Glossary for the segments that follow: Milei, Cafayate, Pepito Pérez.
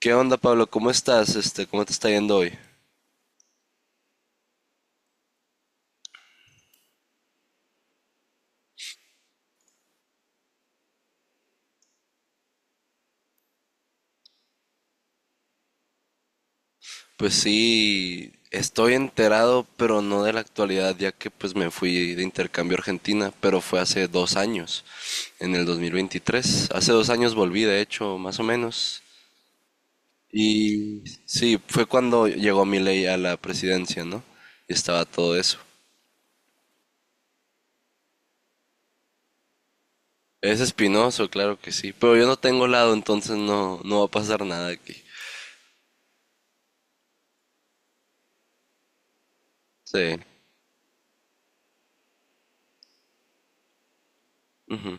¿Qué onda, Pablo? ¿Cómo estás? ¿Cómo te está yendo hoy? Pues sí, estoy enterado, pero no de la actualidad, ya que pues me fui de intercambio a Argentina, pero fue hace 2 años, en el 2023. Hace 2 años volví, de hecho, más o menos. Y sí, fue cuando llegó Milei a la presidencia, ¿no? Y estaba todo eso. Es espinoso, claro que sí, pero yo no tengo lado, entonces no, no va a pasar nada aquí. Sí, ujú,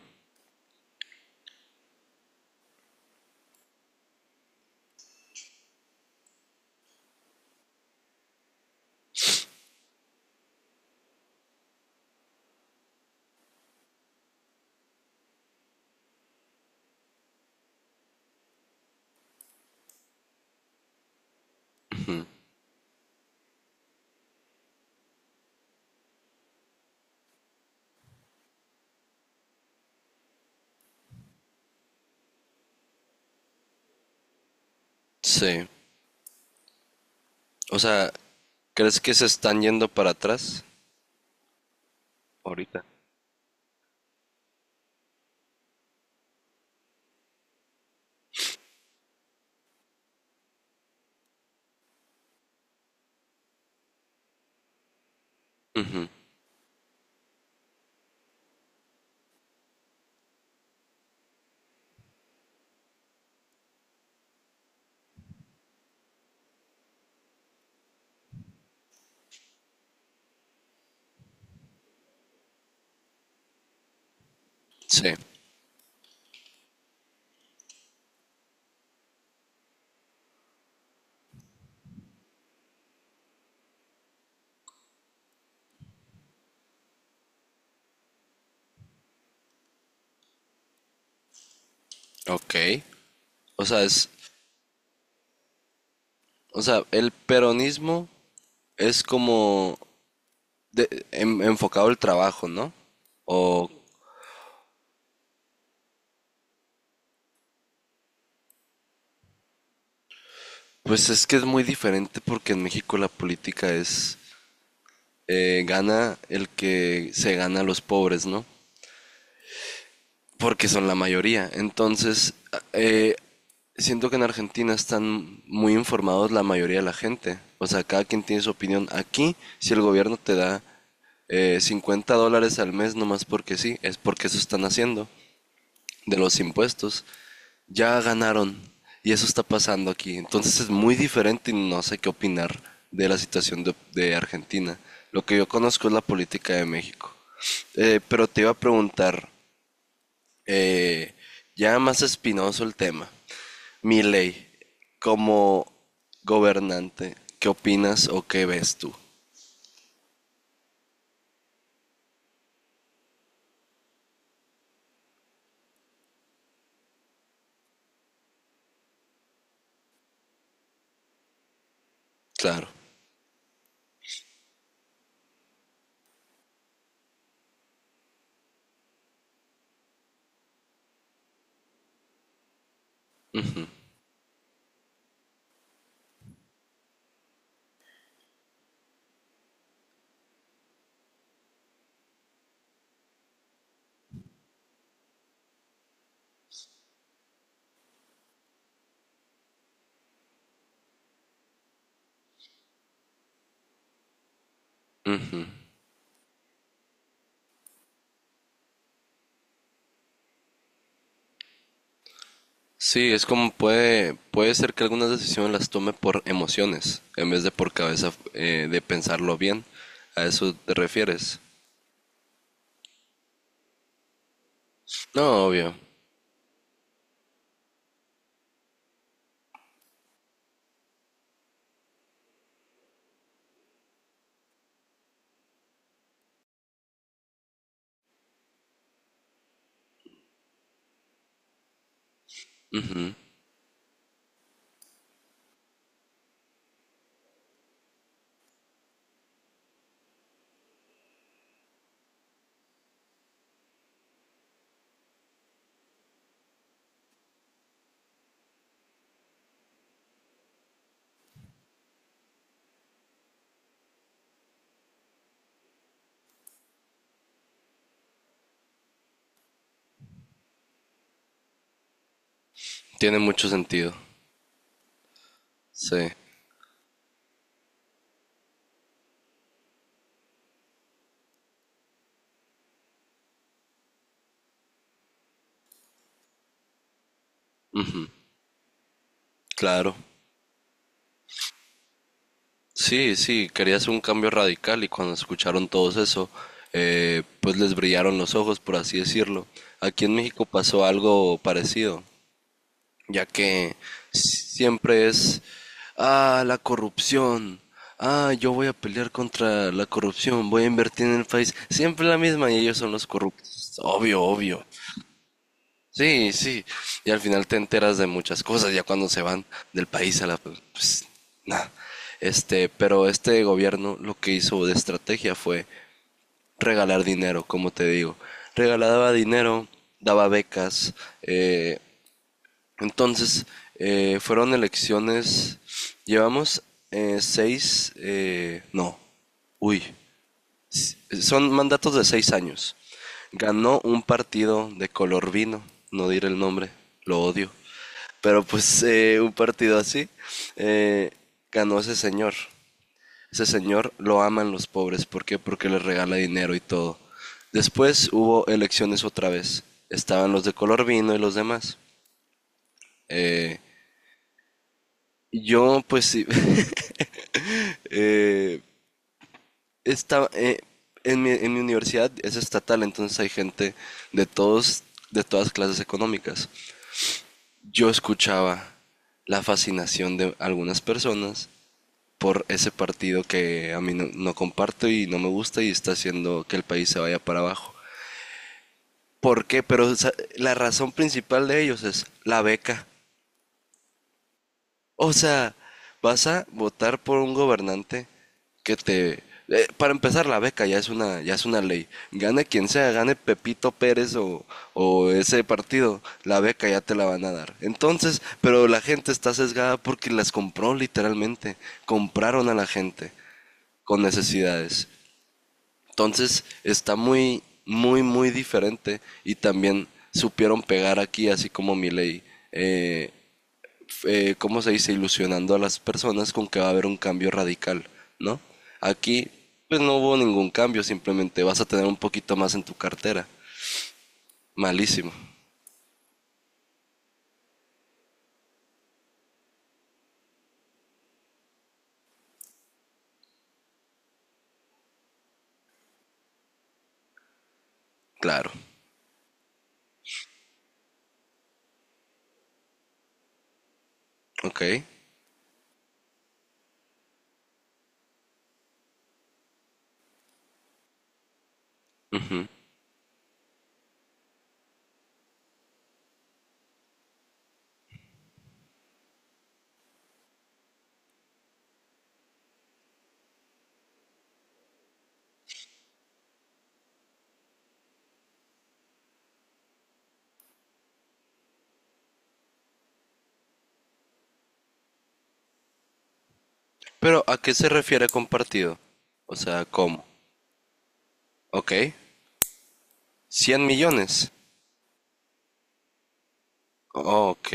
sí. O sea, ¿crees que se están yendo para atrás ahorita? Ujú, sí, ok. O sea, el peronismo es como enfocado al trabajo, ¿no? O, pues es que es muy diferente porque en México la política gana el que se gana a los pobres, ¿no? Porque son la mayoría. Entonces, eh, siento que en Argentina están muy informados la mayoría de la gente. O sea, cada quien tiene su opinión. Aquí, si el gobierno te da $50 al mes, nomás porque sí, es porque eso están haciendo, de los impuestos. Ya ganaron y eso está pasando aquí. Entonces es muy diferente y no sé qué opinar de la situación de Argentina. Lo que yo conozco es la política de México. Pero te iba a preguntar, eh, ya más espinoso el tema. Milei, como gobernante, ¿qué opinas o qué ves tú? Claro. Sí, es como puede ser que algunas decisiones las tome por emociones, en vez de por cabeza de pensarlo bien. ¿A eso te refieres? No, obvio. Tiene mucho sentido. Sí, claro. Sí, sí, quería hacer un cambio radical y cuando escucharon todos eso, pues les brillaron los ojos, por así decirlo. Aquí en México pasó algo parecido, ya que siempre es: ah, la corrupción, ah, yo voy a pelear contra la corrupción, voy a invertir en el país, siempre la misma y ellos son los corruptos, obvio, obvio. Sí, sí. Y al final te enteras de muchas cosas, ya cuando se van del país a Pues nada. Pero este gobierno lo que hizo de estrategia fue regalar dinero, como te digo. Regalaba dinero, daba becas. eh, entonces, fueron elecciones. Llevamos seis. No. Uy. Son mandatos de 6 años. Ganó un partido de color vino, no diré el nombre, lo odio. Pero pues un partido así eh, ganó ese señor. Ese señor lo aman los pobres. ¿Por qué? Porque les regala dinero y todo. Después hubo elecciones otra vez. Estaban los de color vino y los demás. Eh, yo pues sí, eh, está, eh, en mi universidad es estatal, entonces hay gente de todos, de todas clases económicas. Yo escuchaba la fascinación de algunas personas por ese partido que a mí no, no comparto y no me gusta y está haciendo que el país se vaya para abajo. ¿Por qué? Pero o sea, la razón principal de ellos es la beca. O sea, vas a votar por un gobernante que te... para empezar, la beca ya es una ley. Gane quien sea, gane Pepito Pérez o ese partido, la beca ya te la van a dar. Entonces, pero la gente está sesgada porque las compró literalmente. Compraron a la gente con necesidades. Entonces, está muy, muy, muy diferente. Y también supieron pegar aquí, así como mi ley. eh, ¿Cómo se dice? Ilusionando a las personas con que va a haber un cambio radical, ¿no? Aquí, pues no hubo ningún cambio, simplemente vas a tener un poquito más en tu cartera. Malísimo, claro. Ok. Ujú. Pero ¿a qué se refiere compartido? O sea, ¿cómo? Ok. 100 millones. Oh, ok,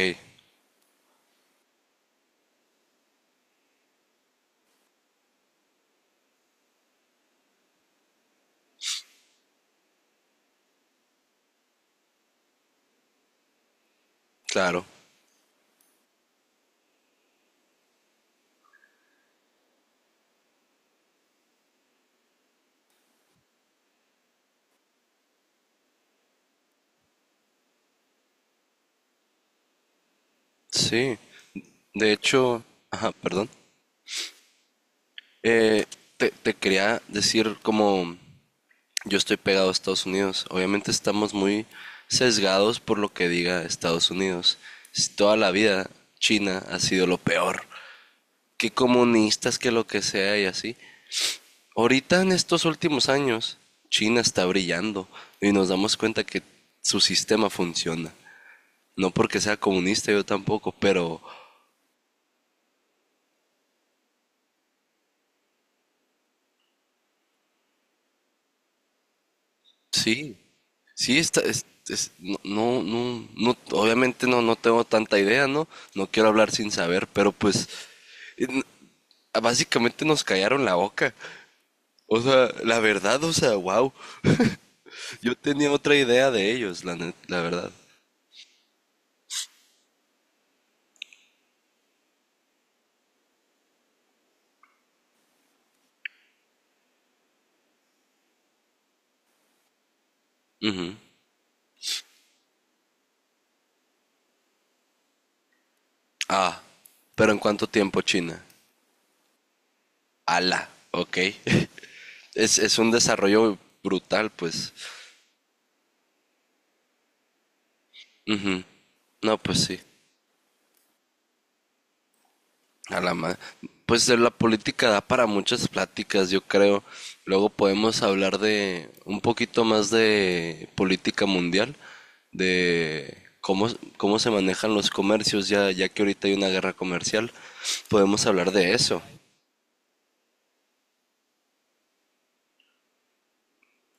claro. Sí. De hecho, ajá, perdón. Eh, te quería decir como yo estoy pegado a Estados Unidos. Obviamente estamos muy sesgados por lo que diga Estados Unidos. Si toda la vida China ha sido lo peor. Que comunistas, que lo que sea y así. Ahorita en estos últimos años, China está brillando y nos damos cuenta que su sistema funciona. No porque sea comunista, yo tampoco, pero sí, sí está, obviamente no tengo tanta idea, ¿no? No quiero hablar sin saber, pero pues en- básicamente nos callaron la boca. O sea, la verdad, o sea, wow. Yo tenía otra idea de ellos, la verdad. Ujú. Ah, pero ¿en cuánto tiempo China? Ala, ok. Es un desarrollo brutal, pues. Ujú. No, pues sí. A la ma- Pues la política da para muchas pláticas, yo creo. Luego podemos hablar de un poquito más de política mundial, de cómo se manejan los comercios, ya que ahorita hay una guerra comercial. Podemos hablar de eso.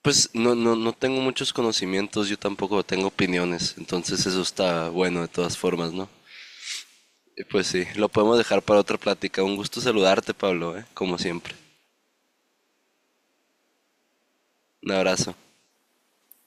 Pues no tengo muchos conocimientos, yo tampoco tengo opiniones, entonces eso está bueno de todas formas, ¿no? Y pues sí, lo podemos dejar para otra plática. Un gusto saludarte, Pablo, ¿eh? Como siempre. Un abrazo.